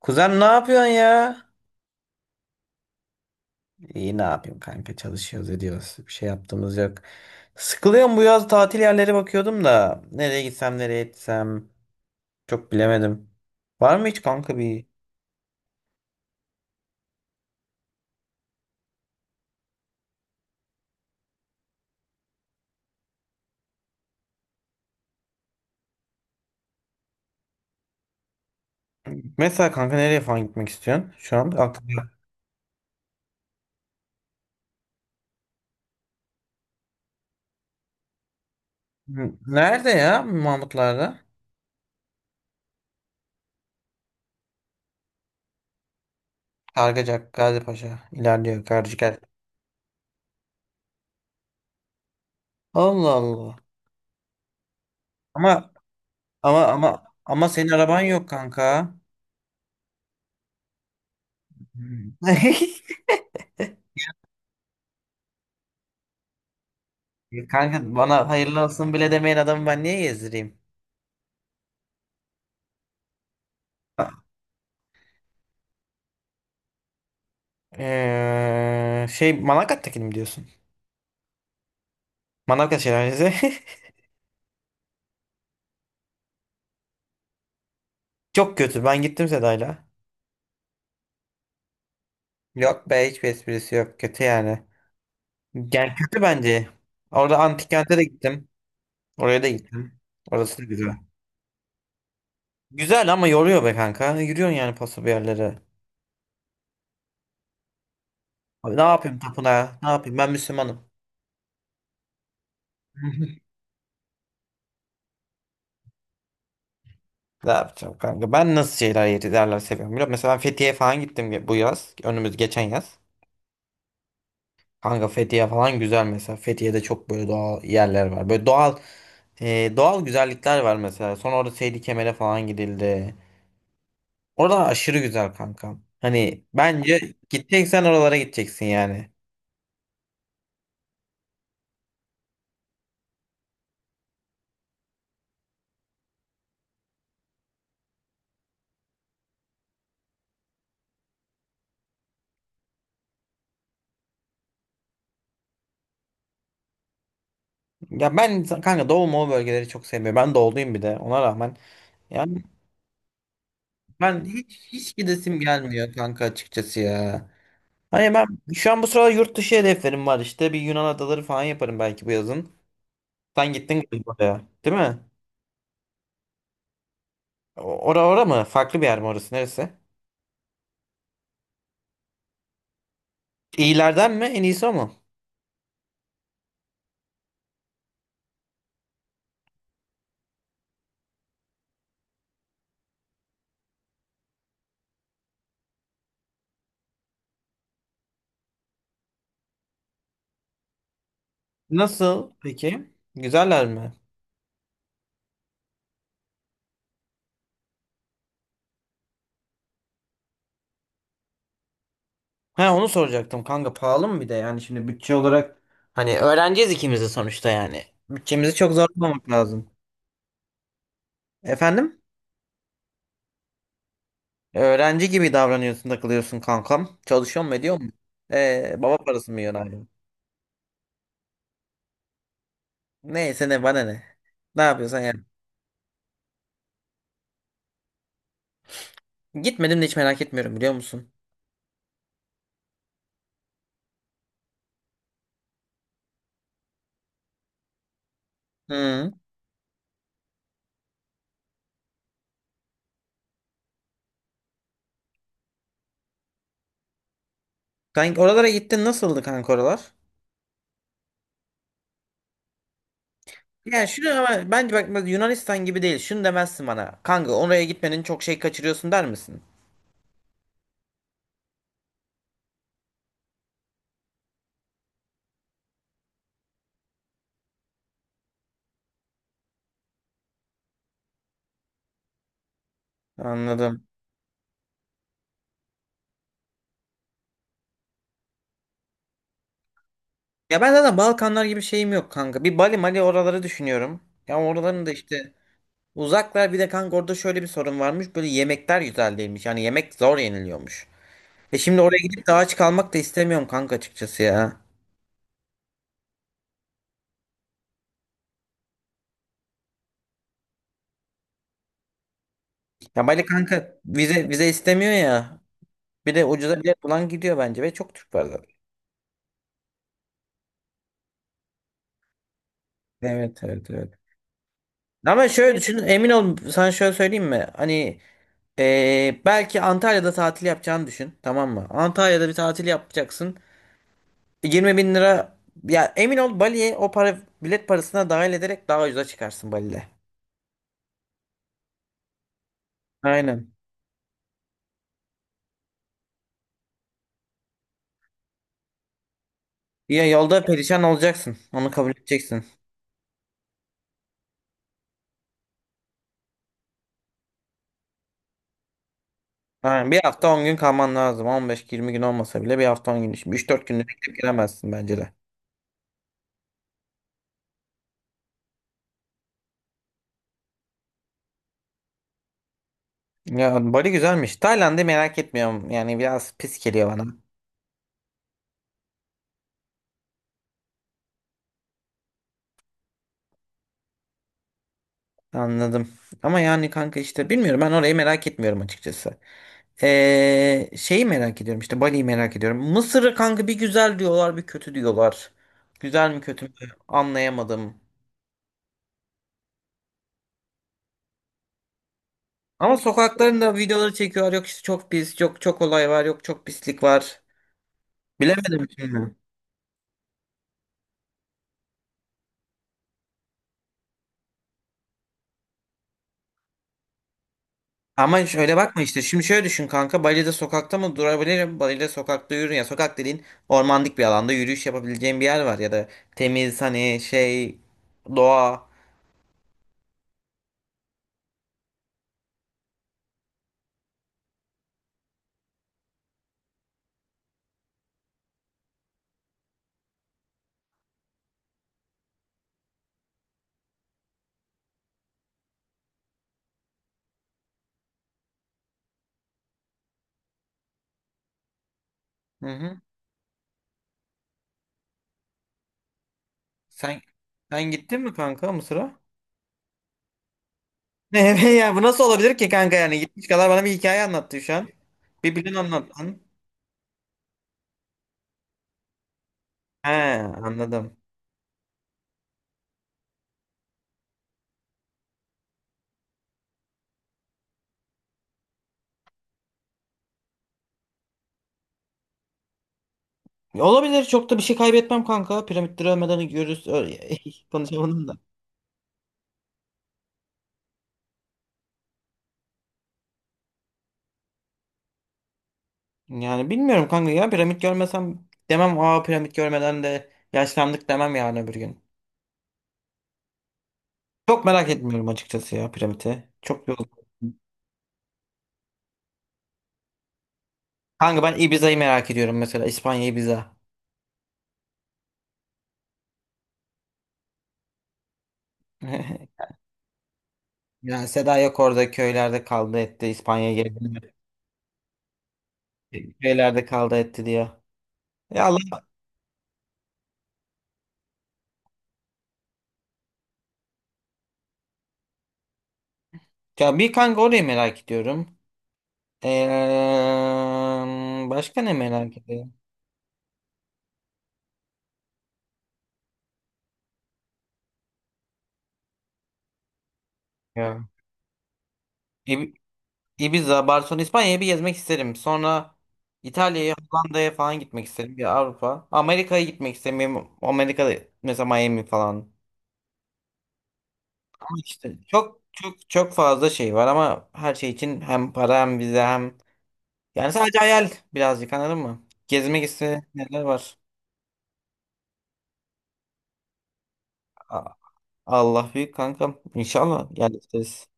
Kuzen ne yapıyorsun ya? İyi ne yapayım kanka çalışıyoruz ediyoruz. Bir şey yaptığımız yok. Sıkılıyorum bu yaz tatil yerleri bakıyordum da. Nereye gitsem nereye etsem çok bilemedim. Var mı hiç kanka bir? Mesela kanka nereye falan gitmek istiyorsun şu an? Aklımda. Nerede ya Mahmutlar'da? Kargacak, Gazipaşa. İlerliyor Kargacak. Allah Allah. Ama ama senin araban yok kanka. Hmm. Kanka bana hayırlı olsun bile demeyen adamı ben niye gezdireyim? Şey Manavgat'takini mi diyorsun? Manavgat Şelalesi. Çok kötü. Ben gittim Seda'yla. Yok be hiçbir esprisi yok. Kötü yani. Yani kötü bence. Orada antik kente de gittim. Oraya da gittim. Orası da güzel. Güzel ama yoruyor be kanka. Yürüyorsun yani paso bir yerlere. Abi ne yapayım tapınağa? Ne yapayım? Ben Müslümanım. Ne yapacağım kanka? Ben nasıl şeyler yerler seviyorum biliyor musun? Mesela ben Fethiye falan gittim bu yaz. Önümüz geçen yaz. Kanka Fethiye falan güzel mesela. Fethiye'de çok böyle doğal yerler var. Böyle doğal güzellikler var mesela. Sonra orada Seydi Kemer'e falan gidildi. Orada aşırı güzel kanka. Hani bence gideceksen oralara gideceksin yani. Ya ben kanka Doğu Moğol bölgeleri çok sevmiyorum. Ben doğuluyum bir de ona rağmen. Yani ben hiç hiç gidesim gelmiyor kanka açıkçası ya. Hani ben şu an bu sırada yurt dışı hedeflerim var işte. Bir Yunan adaları falan yaparım belki bu yazın. Sen gittin galiba oraya, değil mi? O- ora mı? Farklı bir yer mi orası? Neresi? İyilerden mi? En iyisi o mu? Nasıl peki? Güzeller mi? Ha onu soracaktım kanka pahalı mı bir de yani şimdi bütçe olarak hani öğreneceğiz ikimiz de sonuçta yani. Bütçemizi çok zorlamamak lazım. Efendim? Öğrenci gibi davranıyorsun takılıyorsun kankam. Çalışıyor mu ediyor mu? Baba parası mı yiyorsun hala? Neyse ne bana ne. Ne yapıyorsan yani. Gitmedim de hiç merak etmiyorum biliyor musun? Hı. Kanka oralara gittin nasıldı kanka oralar? Yani şunu ama bence bak bak Yunanistan gibi değil. Şunu demezsin bana. Kanka oraya gitmenin çok şey kaçırıyorsun der misin? Anladım. Ya ben zaten Balkanlar gibi şeyim yok kanka. Bir Bali Mali oraları düşünüyorum. Ya oraların da işte uzaklar bir de kanka orada şöyle bir sorun varmış. Böyle yemekler güzel değilmiş. Yani yemek zor yeniliyormuş. E şimdi oraya gidip de aç kalmak da istemiyorum kanka açıkçası ya. Ya Bali kanka vize istemiyor ya. Bir de ucuza bilet bulan gidiyor bence ve çok Türk var zaten. Evet evet evet. Ama şöyle düşün, emin ol sana şöyle söyleyeyim mi? Hani belki Antalya'da tatil yapacağını düşün, tamam mı? Antalya'da bir tatil yapacaksın. 20 bin lira ya emin ol Bali'ye o para bilet parasına dahil ederek daha ucuza çıkarsın Bali'de. Aynen. Ya yolda perişan olacaksın. Onu kabul edeceksin. Aynen. Bir hafta 10 gün lazım. 15-20 gün olmasa bile bir hafta 10 gün. Şimdi üç dört günde bekleyip giremezsin bence de. Ya Bali güzelmiş. Tayland'ı merak etmiyorum. Yani biraz pis geliyor bana. Anladım. Ama yani kanka işte bilmiyorum ben orayı merak etmiyorum açıkçası. Şeyi merak ediyorum işte Bali'yi merak ediyorum. Mısır'ı kanka bir güzel diyorlar bir kötü diyorlar. Güzel mi kötü mü anlayamadım. Ama sokaklarında videoları çekiyorlar yok işte çok pis yok çok olay var yok çok pislik var. Bilemedim şimdi. Ama şöyle bakma işte şimdi şöyle düşün kanka Bali'de sokakta mı durabilirim? Bali'de sokakta yürü ya sokak dediğin ormanlık bir alanda yürüyüş yapabileceğin bir yer var ya da temiz hani şey doğa. Hı hı. Sen sen gittin mi kanka Mısır'a? Ne ya bu nasıl olabilir ki kanka yani gitmiş kadar bana bir hikaye anlattı şu an. Bir plan anlattın. He, anladım. Olabilir çok da bir şey kaybetmem kanka. Piramitleri ölmeden görürüz. Konuşamadım da. Yani bilmiyorum kanka ya piramit görmesem demem aa piramit görmeden de yaşlandık demem yani öbür gün. Çok merak etmiyorum açıkçası ya piramiti. Çok yoruldum. Kanka ben Ibiza'yı merak ediyorum mesela İspanya Ibiza. Yani Seda yok orada köylerde kaldı etti İspanya'ya geldi. Şeylerde kaldı etti diye. Ya Allah. Ya bir kanka orayı merak ediyorum. Başka ne merak ediyorum? Ya. İb- Ibiza, Barcelona, İspanya'yı bir gezmek isterim. Sonra İtalya'ya, Hollanda'ya falan gitmek isterim. Bir Avrupa. Amerika'ya gitmek istemiyorum. Amerika'da mesela Miami falan. Ama işte çok çok çok fazla şey var ama her şey için hem para hem vize hem yani sadece hayal birazcık anladın mı? Gezmek istediğim yerler var. Allah büyük kankam. İnşallah yerleşiriz.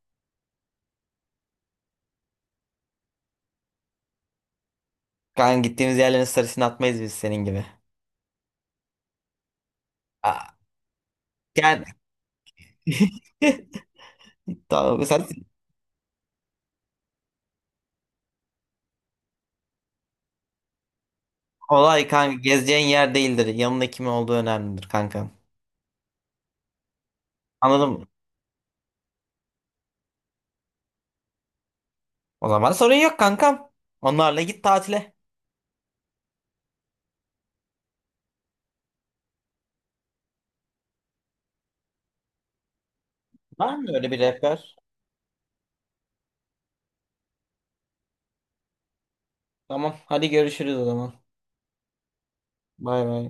Kanka gittiğimiz yerlerin sarısını atmayız biz senin gibi. Aa, yani tamam, sen olay kanka gezeceğin yer değildir. Yanında kim olduğu önemlidir kankam. Anladım mı? O zaman sorun yok kankam. Onlarla git tatile. Var mı öyle bir rehber? Tamam hadi görüşürüz o zaman. Bay bay.